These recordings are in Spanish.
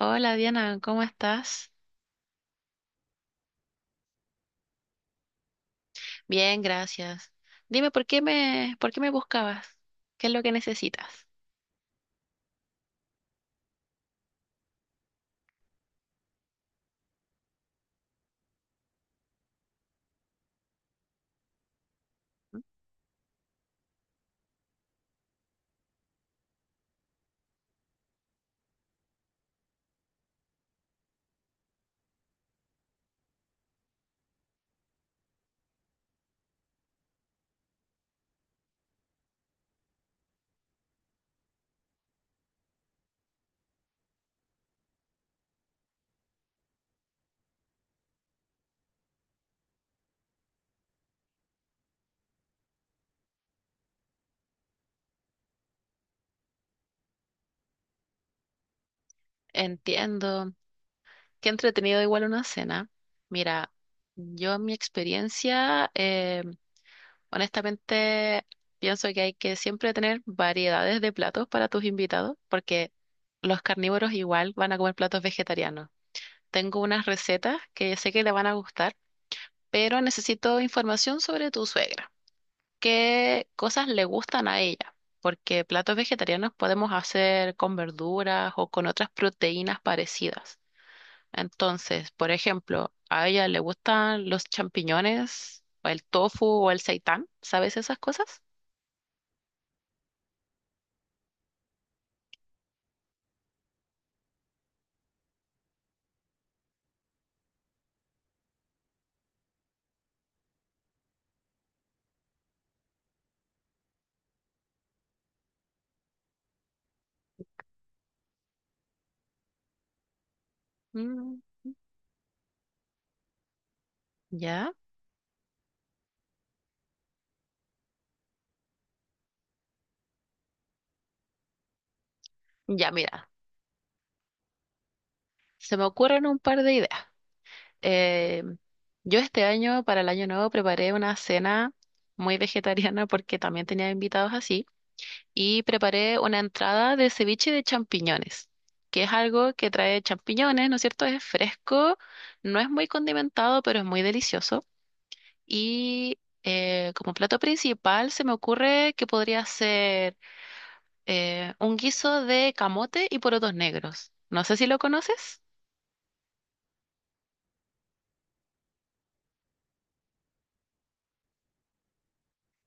Hola Diana, ¿cómo estás? Bien, gracias. Dime, ¿por qué me buscabas? ¿Qué es lo que necesitas? Entiendo. Qué entretenido igual una cena. Mira, yo en mi experiencia, honestamente, pienso que hay que siempre tener variedades de platos para tus invitados, porque los carnívoros igual van a comer platos vegetarianos. Tengo unas recetas que sé que le van a gustar, pero necesito información sobre tu suegra. Qué cosas le gustan a ella, porque platos vegetarianos podemos hacer con verduras o con otras proteínas parecidas. Entonces, por ejemplo, a ella le gustan los champiñones o el tofu o el seitán, ¿sabes esas cosas? Mm, ya, ya, mira, se me ocurren un par de ideas. Eh, yo este año, para el año nuevo, preparé una cena muy vegetariana porque también tenía invitados así. Y preparé una entrada de ceviche de champiñones, que es algo que trae champiñones, ¿no es cierto? Es fresco, no es muy condimentado, pero es muy delicioso. Y como plato principal se me ocurre que podría ser un guiso de camote y porotos negros. No sé si lo conoces,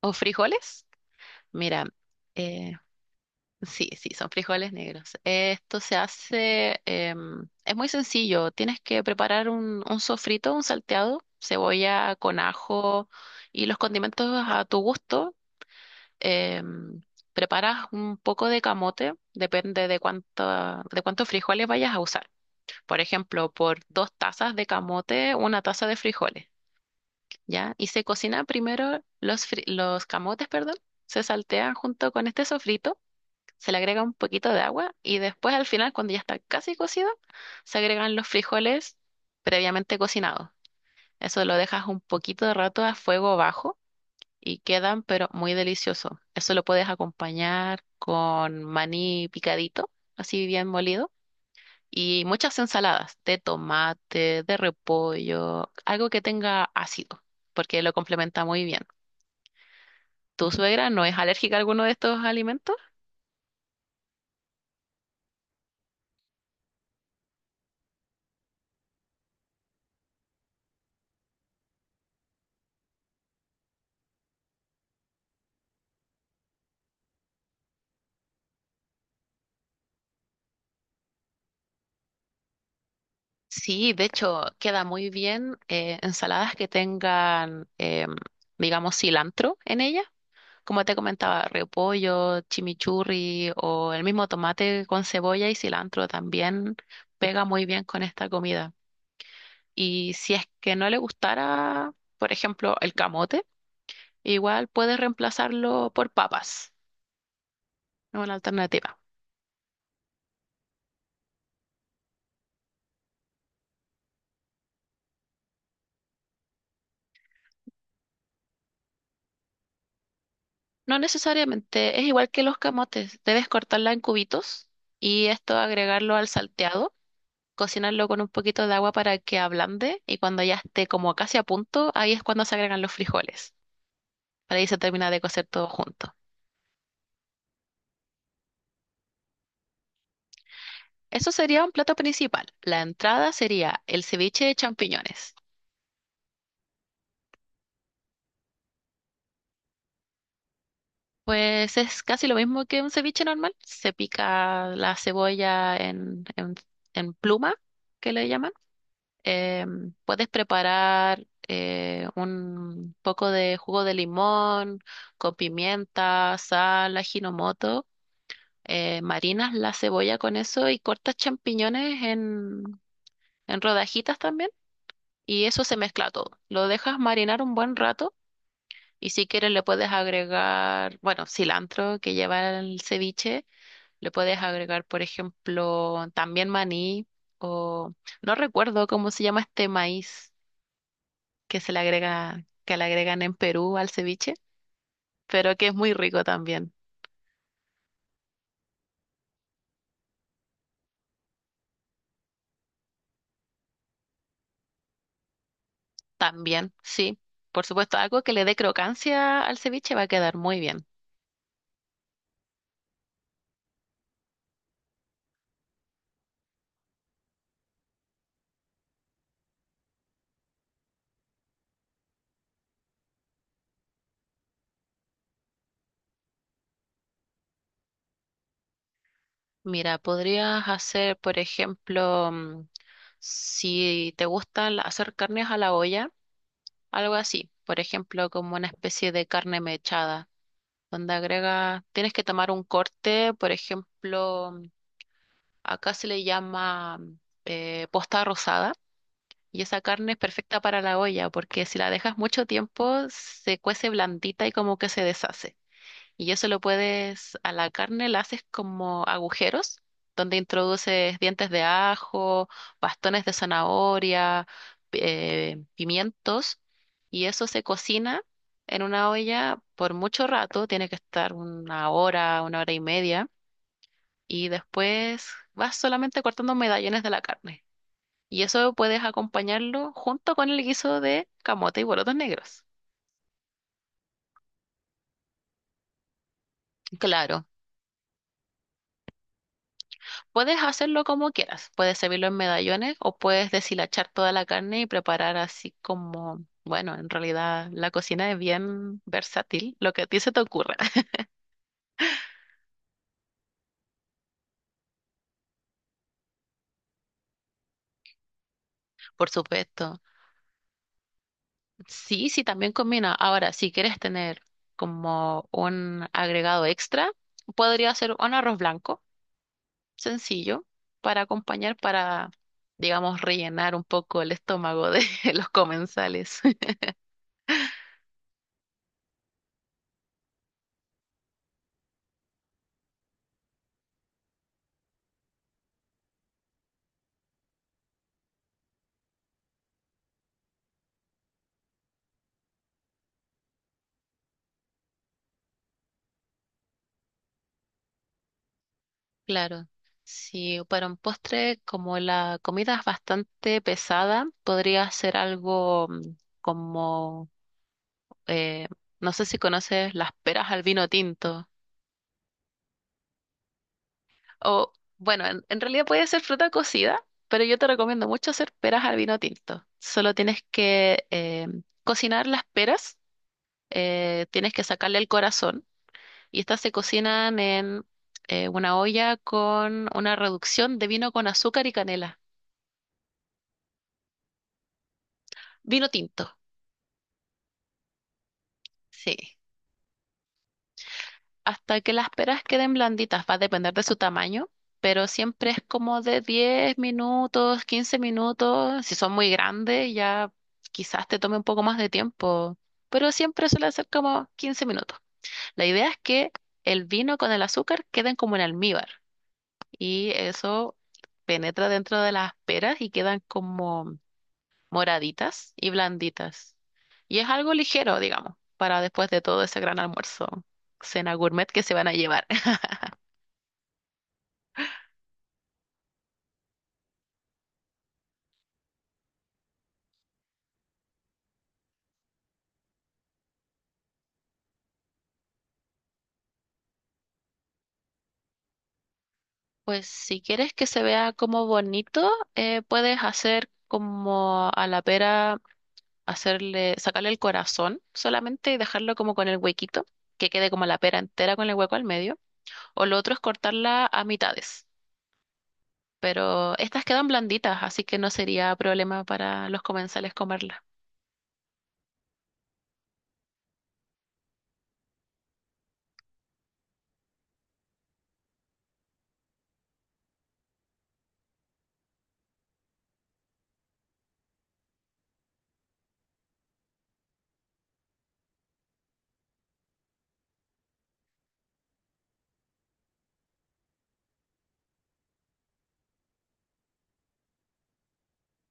o frijoles. Mira, eh, sí, sí, son frijoles negros. Esto se hace, es muy sencillo. Tienes que preparar un sofrito, un salteado, cebolla con ajo y los condimentos a tu gusto. Em, preparas un poco de camote, depende de cuánta, de cuántos frijoles vayas a usar. Por ejemplo, por 2 tazas de camote, 1 taza de frijoles, ¿ya? Y se cocina primero los camotes, perdón, se saltean junto con este sofrito. Se le agrega un poquito de agua y después al final, cuando ya está casi cocido, se agregan los frijoles previamente cocinados. Eso lo dejas un poquito de rato a fuego bajo y quedan, pero muy delicioso. Eso lo puedes acompañar con maní picadito, así bien molido, y muchas ensaladas de tomate, de repollo, algo que tenga ácido, porque lo complementa muy bien. ¿Tu suegra no es alérgica a alguno de estos alimentos? Sí, de hecho, queda muy bien ensaladas que tengan, digamos, cilantro en ella. Como te comentaba, repollo, chimichurri o el mismo tomate con cebolla y cilantro también pega muy bien con esta comida. Y si es que no le gustara, por ejemplo, el camote, igual puedes reemplazarlo por papas, ¿no? Una alternativa. No necesariamente, es igual que los camotes, debes cortarla en cubitos y esto agregarlo al salteado, cocinarlo con un poquito de agua para que ablande y cuando ya esté como casi a punto, ahí es cuando se agregan los frijoles. Para ahí se termina de cocer todo junto. Eso sería un plato principal. La entrada sería el ceviche de champiñones. Pues es casi lo mismo que un ceviche normal. Se pica la cebolla en pluma, que le llaman. Puedes preparar un poco de jugo de limón con pimienta, sal, ajinomoto, marinas la cebolla con eso y cortas champiñones en rodajitas también y eso se mezcla todo. Lo dejas marinar un buen rato y si quieres le puedes agregar, bueno, cilantro que lleva el ceviche, le puedes agregar, por ejemplo, también maní o no recuerdo cómo se llama este maíz que se le agrega, que le agregan en Perú al ceviche, pero que es muy rico también. También, sí. Por supuesto, algo que le dé crocancia al ceviche va a quedar muy bien. Mira, podrías hacer, por ejemplo, si te gusta hacer carnes a la olla, algo así. Por ejemplo, como una especie de carne mechada, donde agrega, tienes que tomar un corte, por ejemplo, acá se le llama, posta rosada, y esa carne es perfecta para la olla, porque si la dejas mucho tiempo, se cuece blandita y como que se deshace. Y eso lo puedes, a la carne la haces como agujeros, donde introduces dientes de ajo, bastones de zanahoria, pimientos, y eso se cocina en una olla por mucho rato, tiene que estar 1 hora, 1 hora y media, y después vas solamente cortando medallones de la carne. Y eso puedes acompañarlo junto con el guiso de camote y porotos negros. Claro. Puedes hacerlo como quieras. Puedes servirlo en medallones o puedes deshilachar toda la carne y preparar así como, bueno, en realidad la cocina es bien versátil, lo que a ti se te ocurra. Por supuesto. Sí, sí, también combina. Ahora, si quieres tener como un agregado extra, podría ser un arroz blanco, sencillo, para acompañar, para, digamos, rellenar un poco el estómago de los comensales. Claro, si para un postre, como la comida es bastante pesada, podría ser algo, como, eh, no sé si conoces las peras al vino tinto, o bueno, en realidad puede ser fruta cocida, pero yo te recomiendo mucho hacer peras al vino tinto. Solo tienes que cocinar las peras, tienes que sacarle el corazón, y estas se cocinan en una olla con una reducción de vino con azúcar y canela, vino tinto. Sí, hasta que las peras queden blanditas, va a depender de su tamaño, pero siempre es como de 10 minutos, 15 minutos. Si son muy grandes, ya quizás te tome un poco más de tiempo, pero siempre suele ser como 15 minutos. La idea es que el vino con el azúcar queden como en almíbar y eso penetra dentro de las peras y quedan como moraditas y blanditas. Y es algo ligero, digamos, para después de todo ese gran almuerzo, cena gourmet que se van a llevar. Pues si quieres que se vea como bonito, puedes hacer como a la pera, hacerle, sacarle el corazón solamente y dejarlo como con el huequito, que quede como la pera entera con el hueco al medio. O lo otro es cortarla a mitades. Pero estas quedan blanditas, así que no sería problema para los comensales comerlas.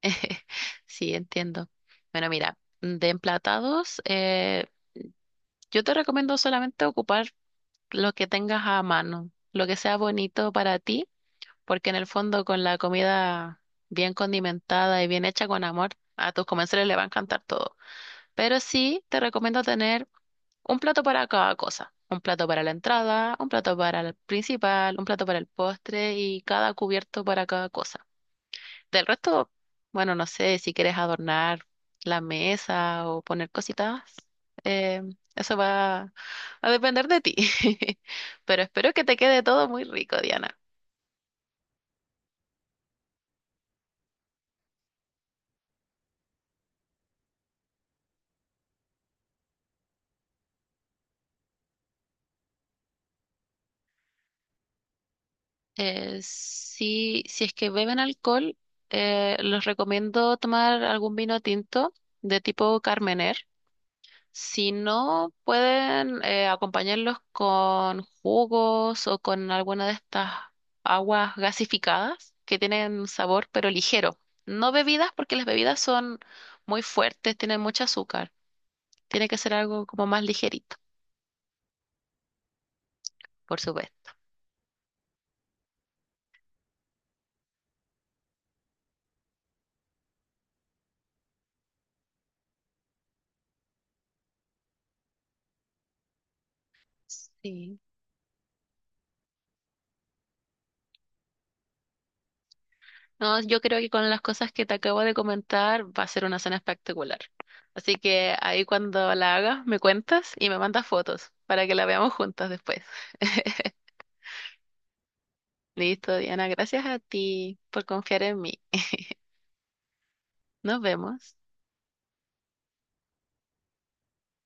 Sí, entiendo. Bueno, mira, de emplatados, yo te recomiendo solamente ocupar lo que tengas a mano, lo que sea bonito para ti, porque en el fondo con la comida bien condimentada y bien hecha con amor, a tus comensales le va a encantar todo. Pero sí te recomiendo tener un plato para cada cosa. Un plato para la entrada, un plato para el principal, un plato para el postre y cada cubierto para cada cosa. Del resto, bueno, no sé si quieres adornar la mesa o poner cositas. eh, Eso va a depender de ti. Pero espero que te quede todo muy rico, Diana. Si, si es que beben alcohol, los recomiendo tomar algún vino tinto de tipo Carmener. Si no, pueden acompañarlos con jugos o con alguna de estas aguas gasificadas que tienen sabor pero ligero. No bebidas porque las bebidas son muy fuertes, tienen mucho azúcar. Tiene que ser algo como más ligerito, por supuesto. Sí. No, yo creo que con las cosas que te acabo de comentar va a ser una cena espectacular. Así que ahí cuando la hagas me cuentas y me mandas fotos para que la veamos juntas después. Listo, Diana, gracias a ti por confiar en mí. Nos vemos.